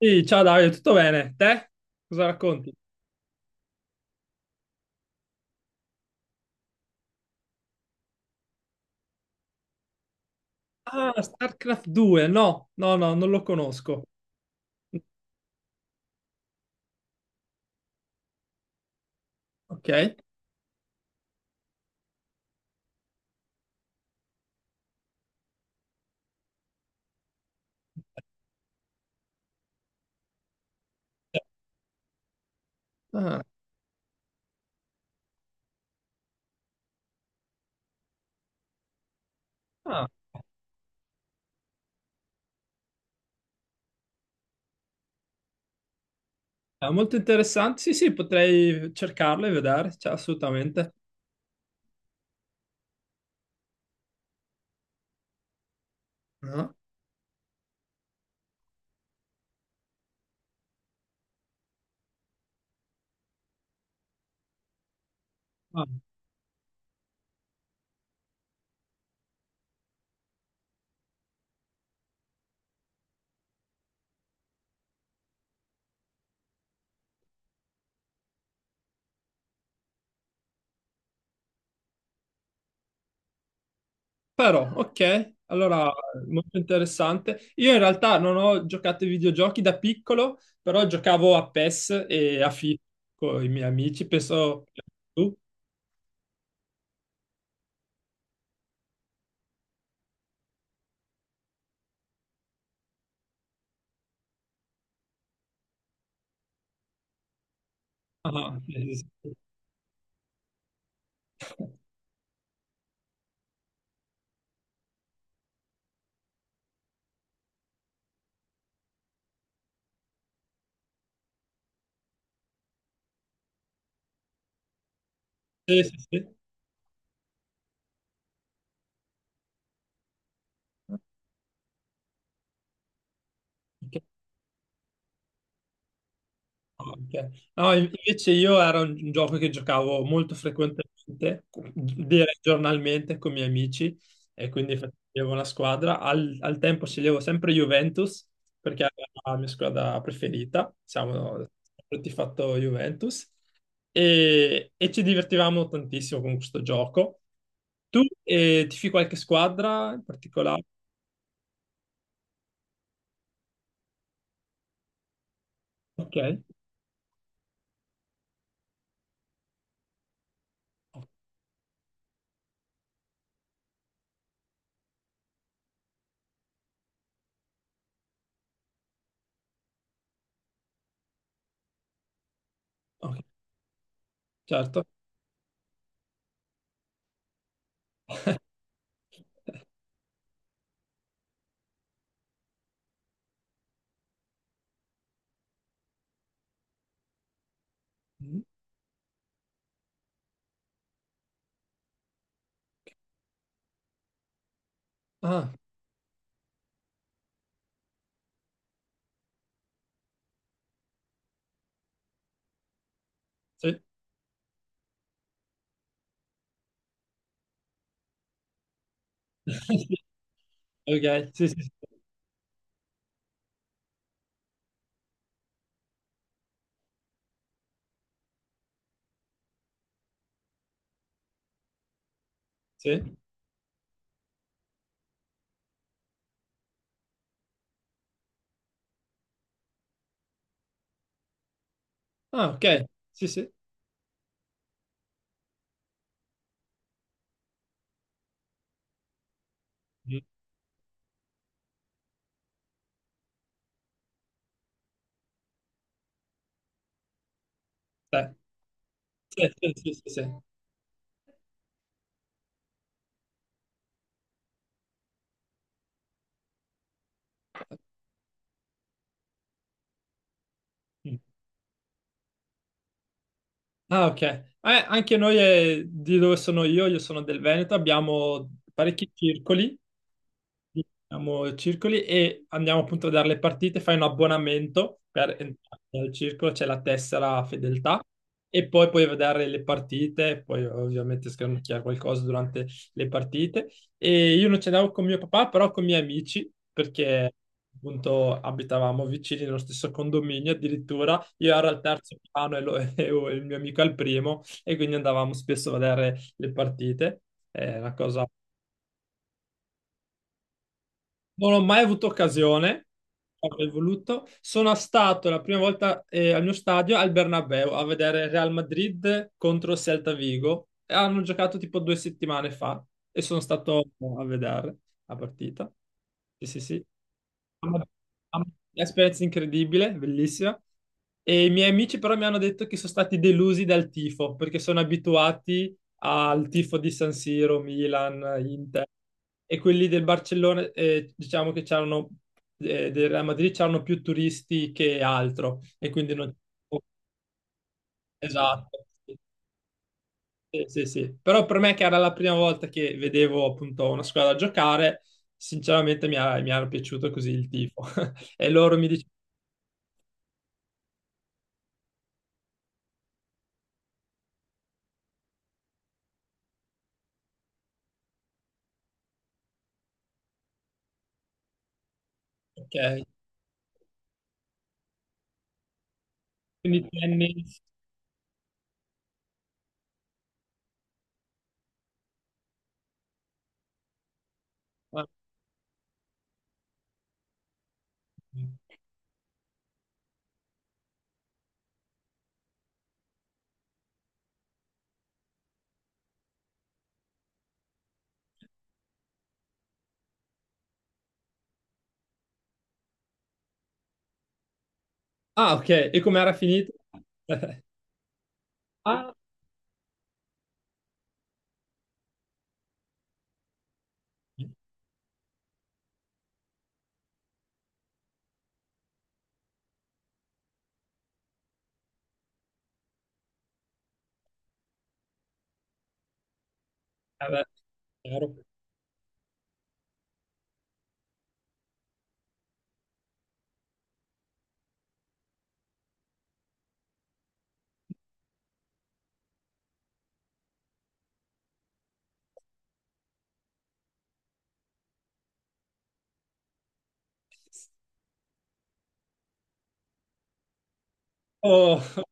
Sì, ciao Davide, tutto bene? Te? Cosa racconti? Ah, StarCraft 2, no, no, no, non lo conosco. Ok. Ah, ah, è molto interessante. Sì, sì, potrei cercarlo e vedere, cioè, assolutamente. Ah, ah. Però, ok, allora, molto interessante. Io in realtà non ho giocato ai videogiochi da piccolo, però giocavo a PES e a FIFA con i miei amici, penso tu. Ah, sì, sì, sì. Sì. Sì, sì. Ok. Ok. No, invece io era un gioco che giocavo molto frequentemente, direi giornalmente con i miei amici e quindi facevo una squadra. Al tempo sceglievo sempre Juventus perché era la mia squadra preferita, diciamo, sempre fatto Juventus e ci divertivamo tantissimo con questo gioco. Tu, tifi qualche squadra in particolare? Ok, ok, certo. Mm. Ah, sì. Ok, sì, sì. Sì. Sì? Ah, ok. Sì, sì. Mm. Beh, sì, sì, sì, sì, sì. Mm. Ah, ok. Anche noi, di dove sono io sono del Veneto, abbiamo parecchi circoli. Andiamo circoli e andiamo appunto a vedere le partite, fai un abbonamento per entrare nel circolo, c'è la tessera fedeltà e poi puoi vedere le partite, poi ovviamente scanocchiare qualcosa durante le partite. E io non ci andavo con mio papà, però con i miei amici, perché appunto abitavamo vicini nello stesso condominio, addirittura io ero al terzo piano e, e il mio amico al primo e quindi andavamo spesso a vedere le partite. È una cosa. Non ho mai avuto occasione, avrei voluto. Sono stato la prima volta, al mio stadio al Bernabéu a vedere Real Madrid contro Celta Vigo. E hanno giocato tipo 2 settimane fa e sono stato a vedere la partita. Sì, sì, sì. Am- am- Esperienza incredibile, bellissima. E i miei amici però mi hanno detto che sono stati delusi dal tifo perché sono abituati al tifo di San Siro, Milan, Inter e quelli del Barcellona, diciamo che c'erano del Real Madrid c'erano più turisti che altro e quindi non esatto. Sì, sì, sì. Sì. Però per me che era la prima volta che vedevo appunto una squadra giocare, sinceramente mi era piaciuto così il tifo. E loro mi dicevano, ok, quindi tennis. Ah, ah, ok, e com'era finito? Ah, vabbè, chiaro. Oh,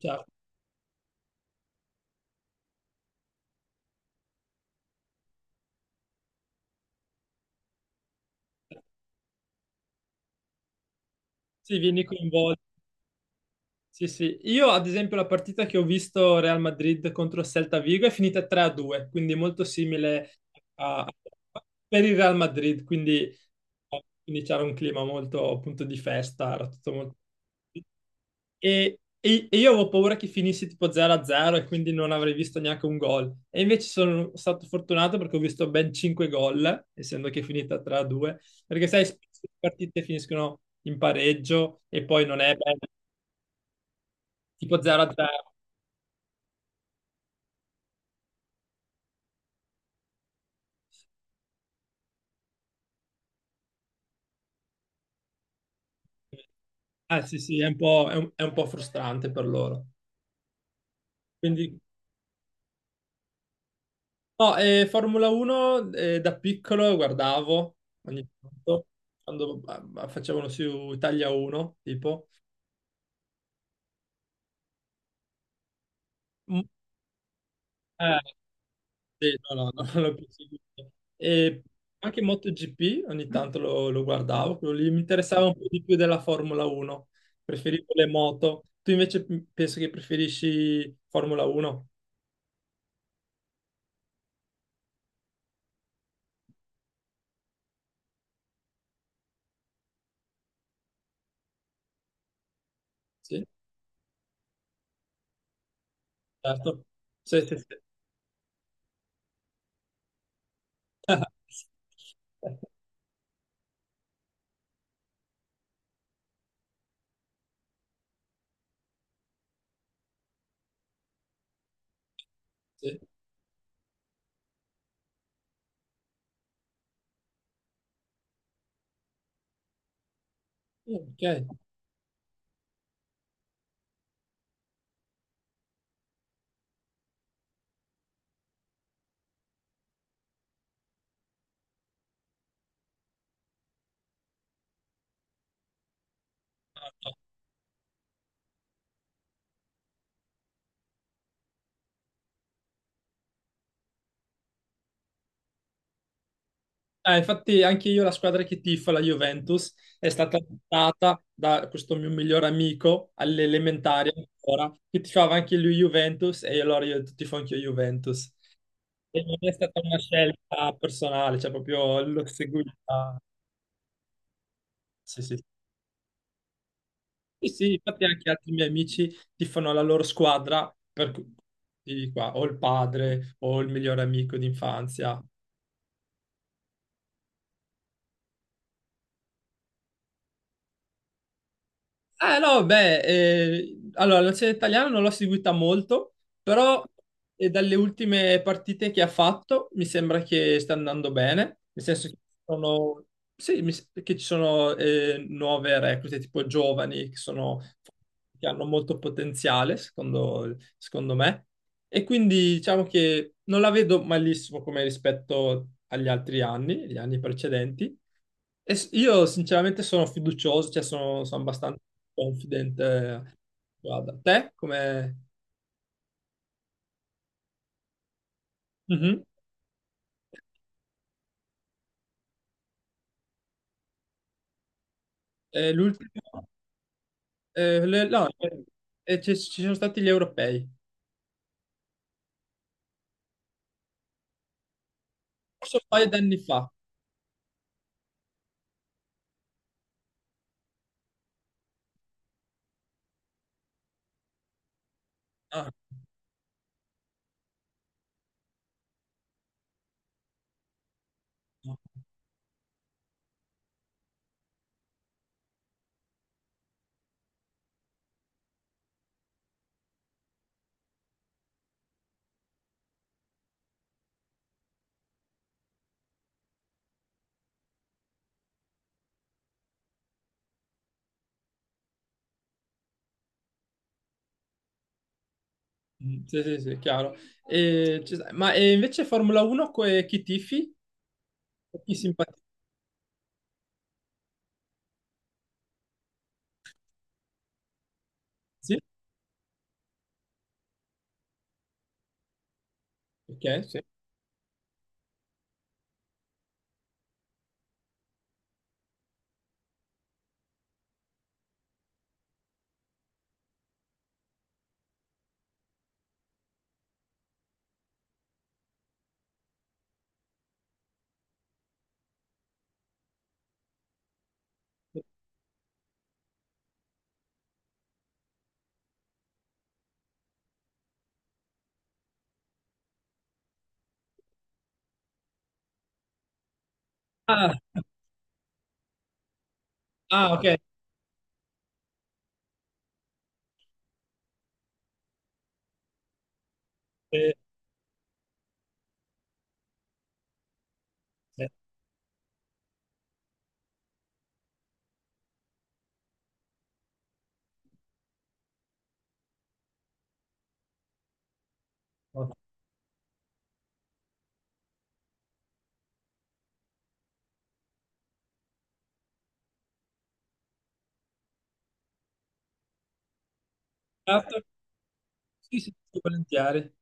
certo. Sì, vieni coinvolto. Sì, sì. Io, ad esempio, la partita che ho visto Real Madrid contro Celta Vigo è finita 3-2, quindi molto simile a... per il Real Madrid, quindi c'era un clima molto appunto di festa, era tutto molto... E io avevo paura che finisse tipo 0-0 e quindi non avrei visto neanche un gol. E invece sono stato fortunato perché ho visto ben 5 gol, essendo che è finita 3-2. Perché sai, spesso le partite finiscono in pareggio e poi non è bello, tipo 0-0. Ah sì, sì, è un po' frustrante per loro. Quindi, no, Formula 1, da piccolo guardavo ogni tanto, quando facevano su Italia 1, tipo. Mm. Eh, sì, no, no, non l'ho più seguito. E anche MotoGP ogni tanto lo guardavo, quello lì mi interessava un po' di più della Formula 1. Preferivo le moto. Tu invece, penso che preferisci Formula 1? Sì, certo. Sì, sì, sì. Sì. Ok. Ah, infatti anche io la squadra che tifo, la Juventus, è stata portata da questo mio migliore amico all'elementare ancora, che tifava anche lui Juventus e allora io tifo anche io Juventus. E non è stata una scelta personale, cioè proprio l'ho seguita. Sì, sì. Sì, sì, infatti anche altri miei amici tifano la loro squadra, di qua, o il padre o il migliore amico d'infanzia. Eh no, beh, allora la nazionale italiana non l'ho seguita molto, però, dalle ultime partite che ha fatto mi sembra che sta andando bene, nel senso che ci sono, sì, che ci sono, nuove reclute, tipo giovani, che sono, che hanno molto potenziale, secondo me, e quindi diciamo che non la vedo malissimo come rispetto agli altri anni, gli anni precedenti, io sinceramente sono fiducioso, cioè sono, abbastanza confident. Guarda, te come... Mhm. L'ultimo... no, ci sono stati gli europei, forse un paio d'anni fa. Ah, no. Mm, sì, sì, sì, chiaro. E ma e invece Formula 1, chi tifi? Chi simpatizzi? Ok, sì. Ah, ah, ok. Eh, eh, no. Certo. Sì, sì, sì, volentieri.